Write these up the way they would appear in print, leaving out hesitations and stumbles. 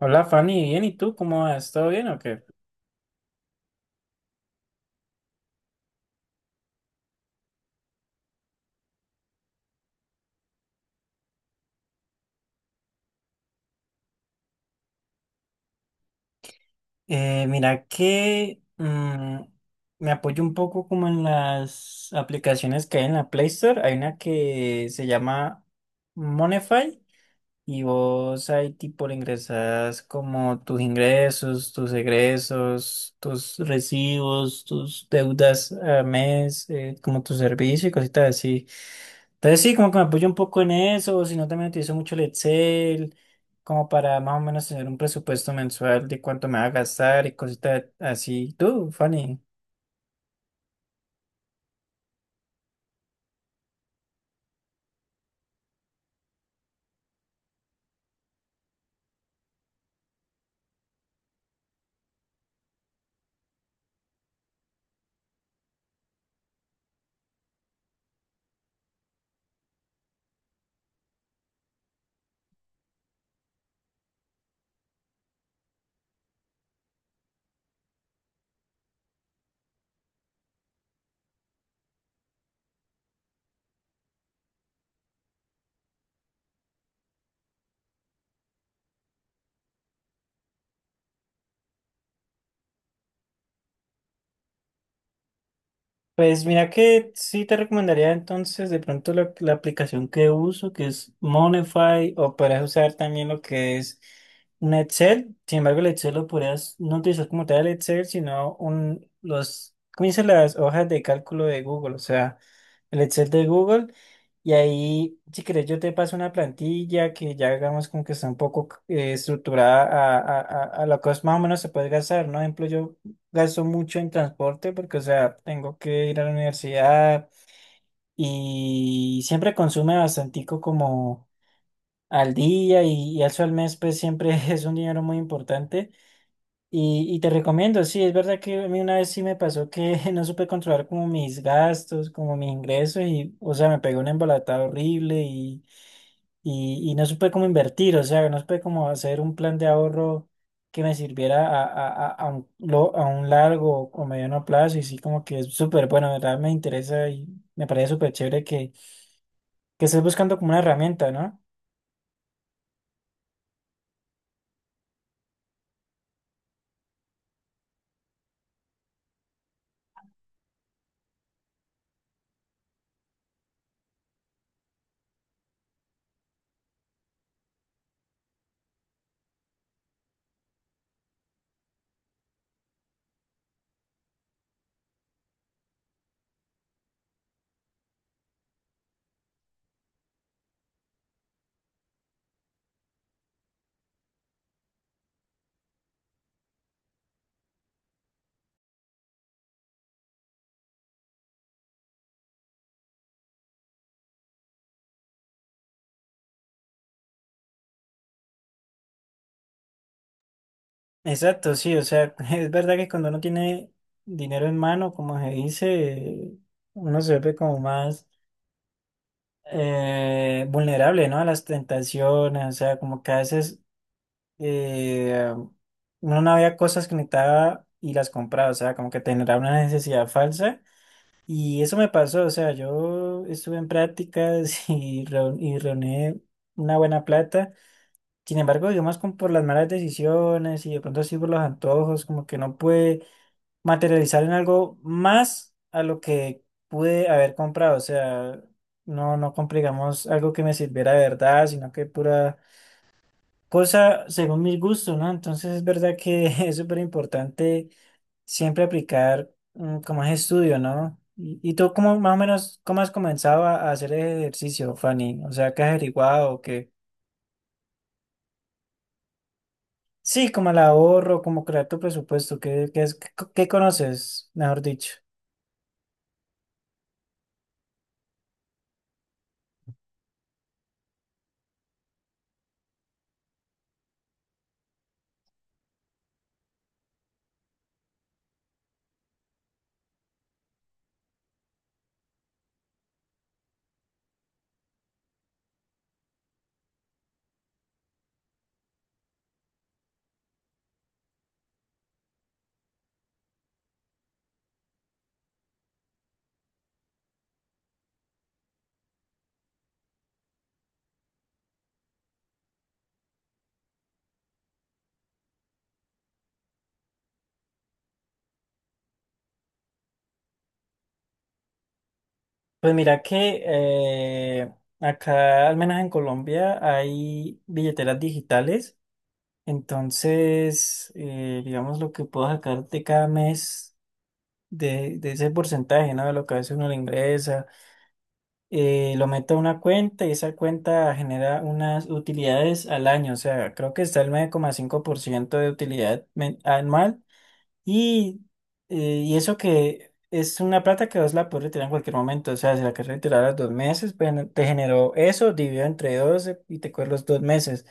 Hola Fanny, bien, ¿y tú cómo vas? ¿Todo bien o qué? Mira que me apoyo un poco como en las aplicaciones que hay en la Play Store. Hay una que se llama Monify. Y vos ahí tipo le ingresas como tus ingresos, tus egresos, tus recibos, tus deudas a mes, como tu servicio y cositas así. Entonces sí, como que me apoyo un poco en eso, si no también utilizo mucho el Excel, como para más o menos tener un presupuesto mensual de cuánto me va a gastar y cositas así. Tú, Fanny. Pues mira que sí te recomendaría entonces de pronto la aplicación que uso, que es Monify, o podrías usar también lo que es un Excel. Sin embargo, el Excel lo podrías no utilizar como tal el Excel, sino un, los, ¿cómo dicen las hojas de cálculo de Google? O sea, el Excel de Google. Y ahí, si querés, yo te paso una plantilla que ya hagamos como que está un poco estructurada a lo que más o menos se puede gastar, ¿no? Ejemplo, yo gasto mucho en transporte porque, o sea, tengo que ir a la universidad y siempre consume bastantico como al día y eso al mes, pues siempre es un dinero muy importante. Y te recomiendo, sí, es verdad que a mí una vez sí me pasó que no supe controlar como mis gastos, como mis ingresos y, o sea, me pegó una embolatada horrible y no supe cómo invertir, o sea, no supe cómo hacer un plan de ahorro que me sirviera a un largo o mediano plazo y sí como que es súper bueno, de verdad me interesa y me parece súper chévere que estés buscando como una herramienta, ¿no? Exacto, sí, o sea, es verdad que cuando uno tiene dinero en mano, como se dice, uno se ve como más vulnerable, ¿no? A las tentaciones, o sea, como que a veces eh, uno no había cosas que necesitaba y las compraba, o sea, como que tenía una necesidad falsa. Y eso me pasó, o sea, yo estuve en prácticas y, reu- y reuní una buena plata. Sin embargo, digamos, como por las malas decisiones y de pronto así por los antojos, como que no pude materializar en algo más a lo que pude haber comprado, o sea, no, no compré, digamos, algo que me sirviera de verdad, sino que pura cosa según mis gustos, ¿no? Entonces es verdad que es súper importante siempre aplicar como es estudio, ¿no? ¿Y tú cómo más o menos, cómo has comenzado a hacer ejercicio, Fanny? O sea, ¿qué has averiguado? ¿Qué? Sí, como el ahorro, como crear tu presupuesto, ¿qué, qué, es- qué co- qué conoces, mejor dicho? Pues mira que acá, al menos en Colombia, hay billeteras digitales. Entonces, digamos, lo que puedo sacar de cada mes de ese porcentaje, ¿no? De lo que a veces uno le ingresa, lo meto a una cuenta y esa cuenta genera unas utilidades al año, o sea, creo que está el 9,5% de utilidad men- anual y, y eso que es una plata que vos la puedes retirar en cualquier momento, o sea, si la querés retirar a los 2 meses, pues te generó eso, dividido entre 12 y te coge los 2 meses.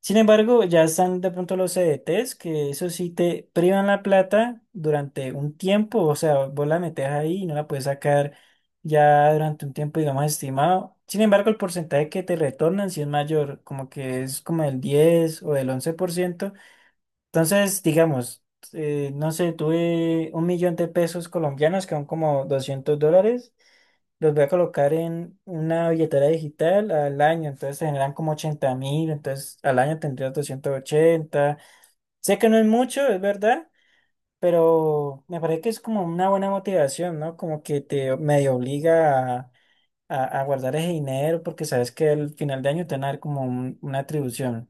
Sin embargo, ya están de pronto los CDTs, que eso sí te privan la plata durante un tiempo, o sea, vos la metes ahí y no la puedes sacar ya durante un tiempo, digamos, estimado. Sin embargo, el porcentaje que te retornan sí es mayor, como que es como del 10% o del 11%. Entonces, digamos, no sé, tuve 1 millón de pesos colombianos, que son como $200, los voy a colocar en una billetera digital al año, entonces se generan como 80.000, entonces al año tendrías 280. Sé que no es mucho, es verdad, pero me parece que es como una buena motivación, ¿no? Como que te medio obliga a, a guardar ese dinero porque sabes que al final de año te van a dar como una atribución.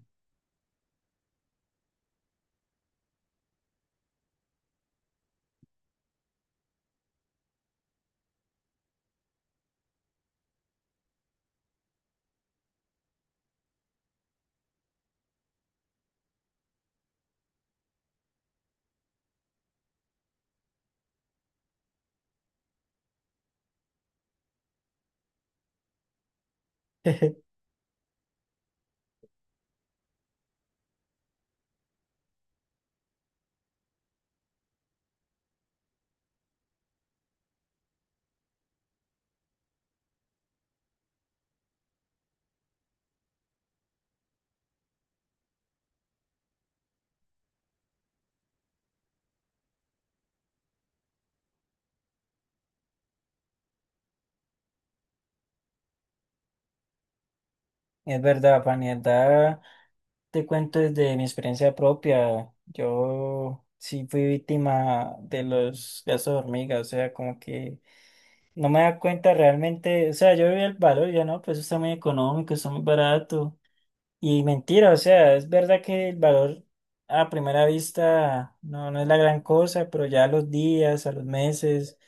Es verdad, Fanny, en verdad, te cuento desde mi experiencia propia. Yo sí fui víctima de los gastos de hormiga, o sea, como que no me da cuenta realmente, o sea, yo vi el valor, y yo no, pues eso está muy económico, está muy barato. Y mentira, o sea, es verdad que el valor a primera vista no, no es la gran cosa, pero ya a los días, a los meses,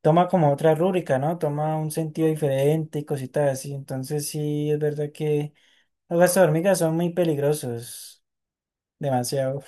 toma como otra rúbrica, ¿no? Toma un sentido diferente y cositas así. Entonces sí, es verdad que los gastos hormigas son muy peligrosos, demasiado.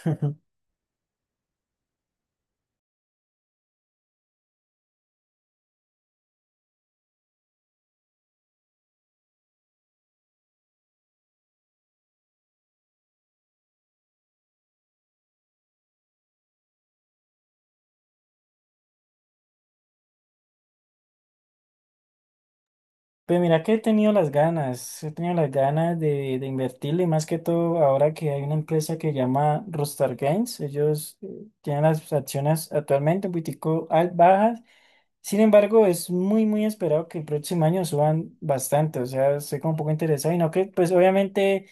Pues mira que he tenido las ganas, he tenido las ganas de invertirle, y más que todo ahora que hay una empresa que se llama Rockstar Games, ellos tienen las acciones actualmente un poquitico al- bajas, sin embargo es muy muy esperado que el próximo año suban bastante, o sea, estoy como un poco interesado y no que, pues obviamente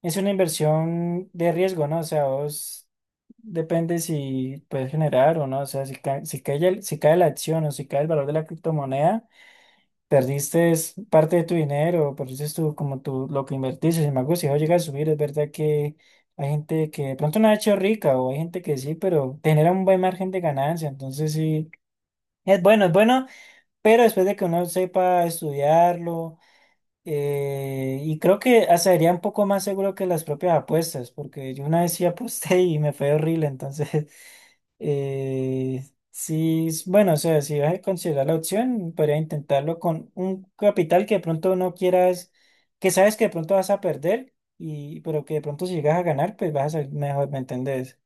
es una inversión de riesgo, ¿no? O sea, vos depende si puedes generar o no, o sea, si cae la acción o si cae el valor de la criptomoneda. Perdiste es parte de tu dinero, perdiste tú como tú lo que invertiste. Sin embargo, si eso llega a subir, es verdad que hay gente que de pronto no ha hecho rica o hay gente que sí, pero te genera un buen margen de ganancia. Entonces sí, es bueno, pero después de que uno sepa estudiarlo, y creo que hasta sería un poco más seguro que las propias apuestas, porque yo una vez sí aposté y me fue horrible, entonces eh, sí, es- bueno, o sea, si vas a considerar la opción, podría intentarlo con un capital que de pronto no quieras, que sabes que de pronto vas a perder, y, pero que de pronto si llegas a ganar, pues vas a salir mejor, ¿me entendés?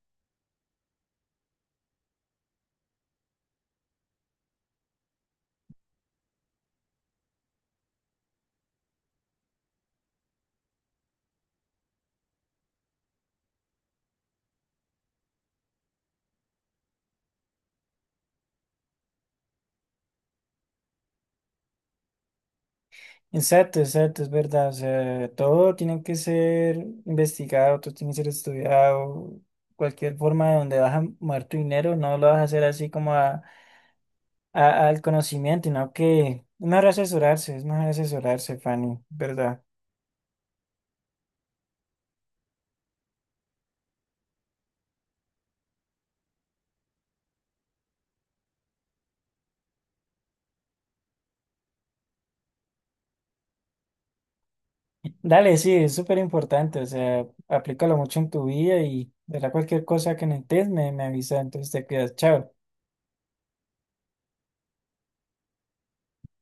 Exacto, exacto, es verdad. O sea, todo tiene que ser investigado, todo tiene que ser estudiado. Cualquier forma de donde vas a mover tu dinero, no lo vas a hacer así como a, al conocimiento, sino que es mejor asesorarse, Fanny, ¿verdad? Dale, sí, es súper importante, o sea, aplícalo mucho en tu vida y verá cualquier cosa que necesites, me avisa, entonces te quedas, chao.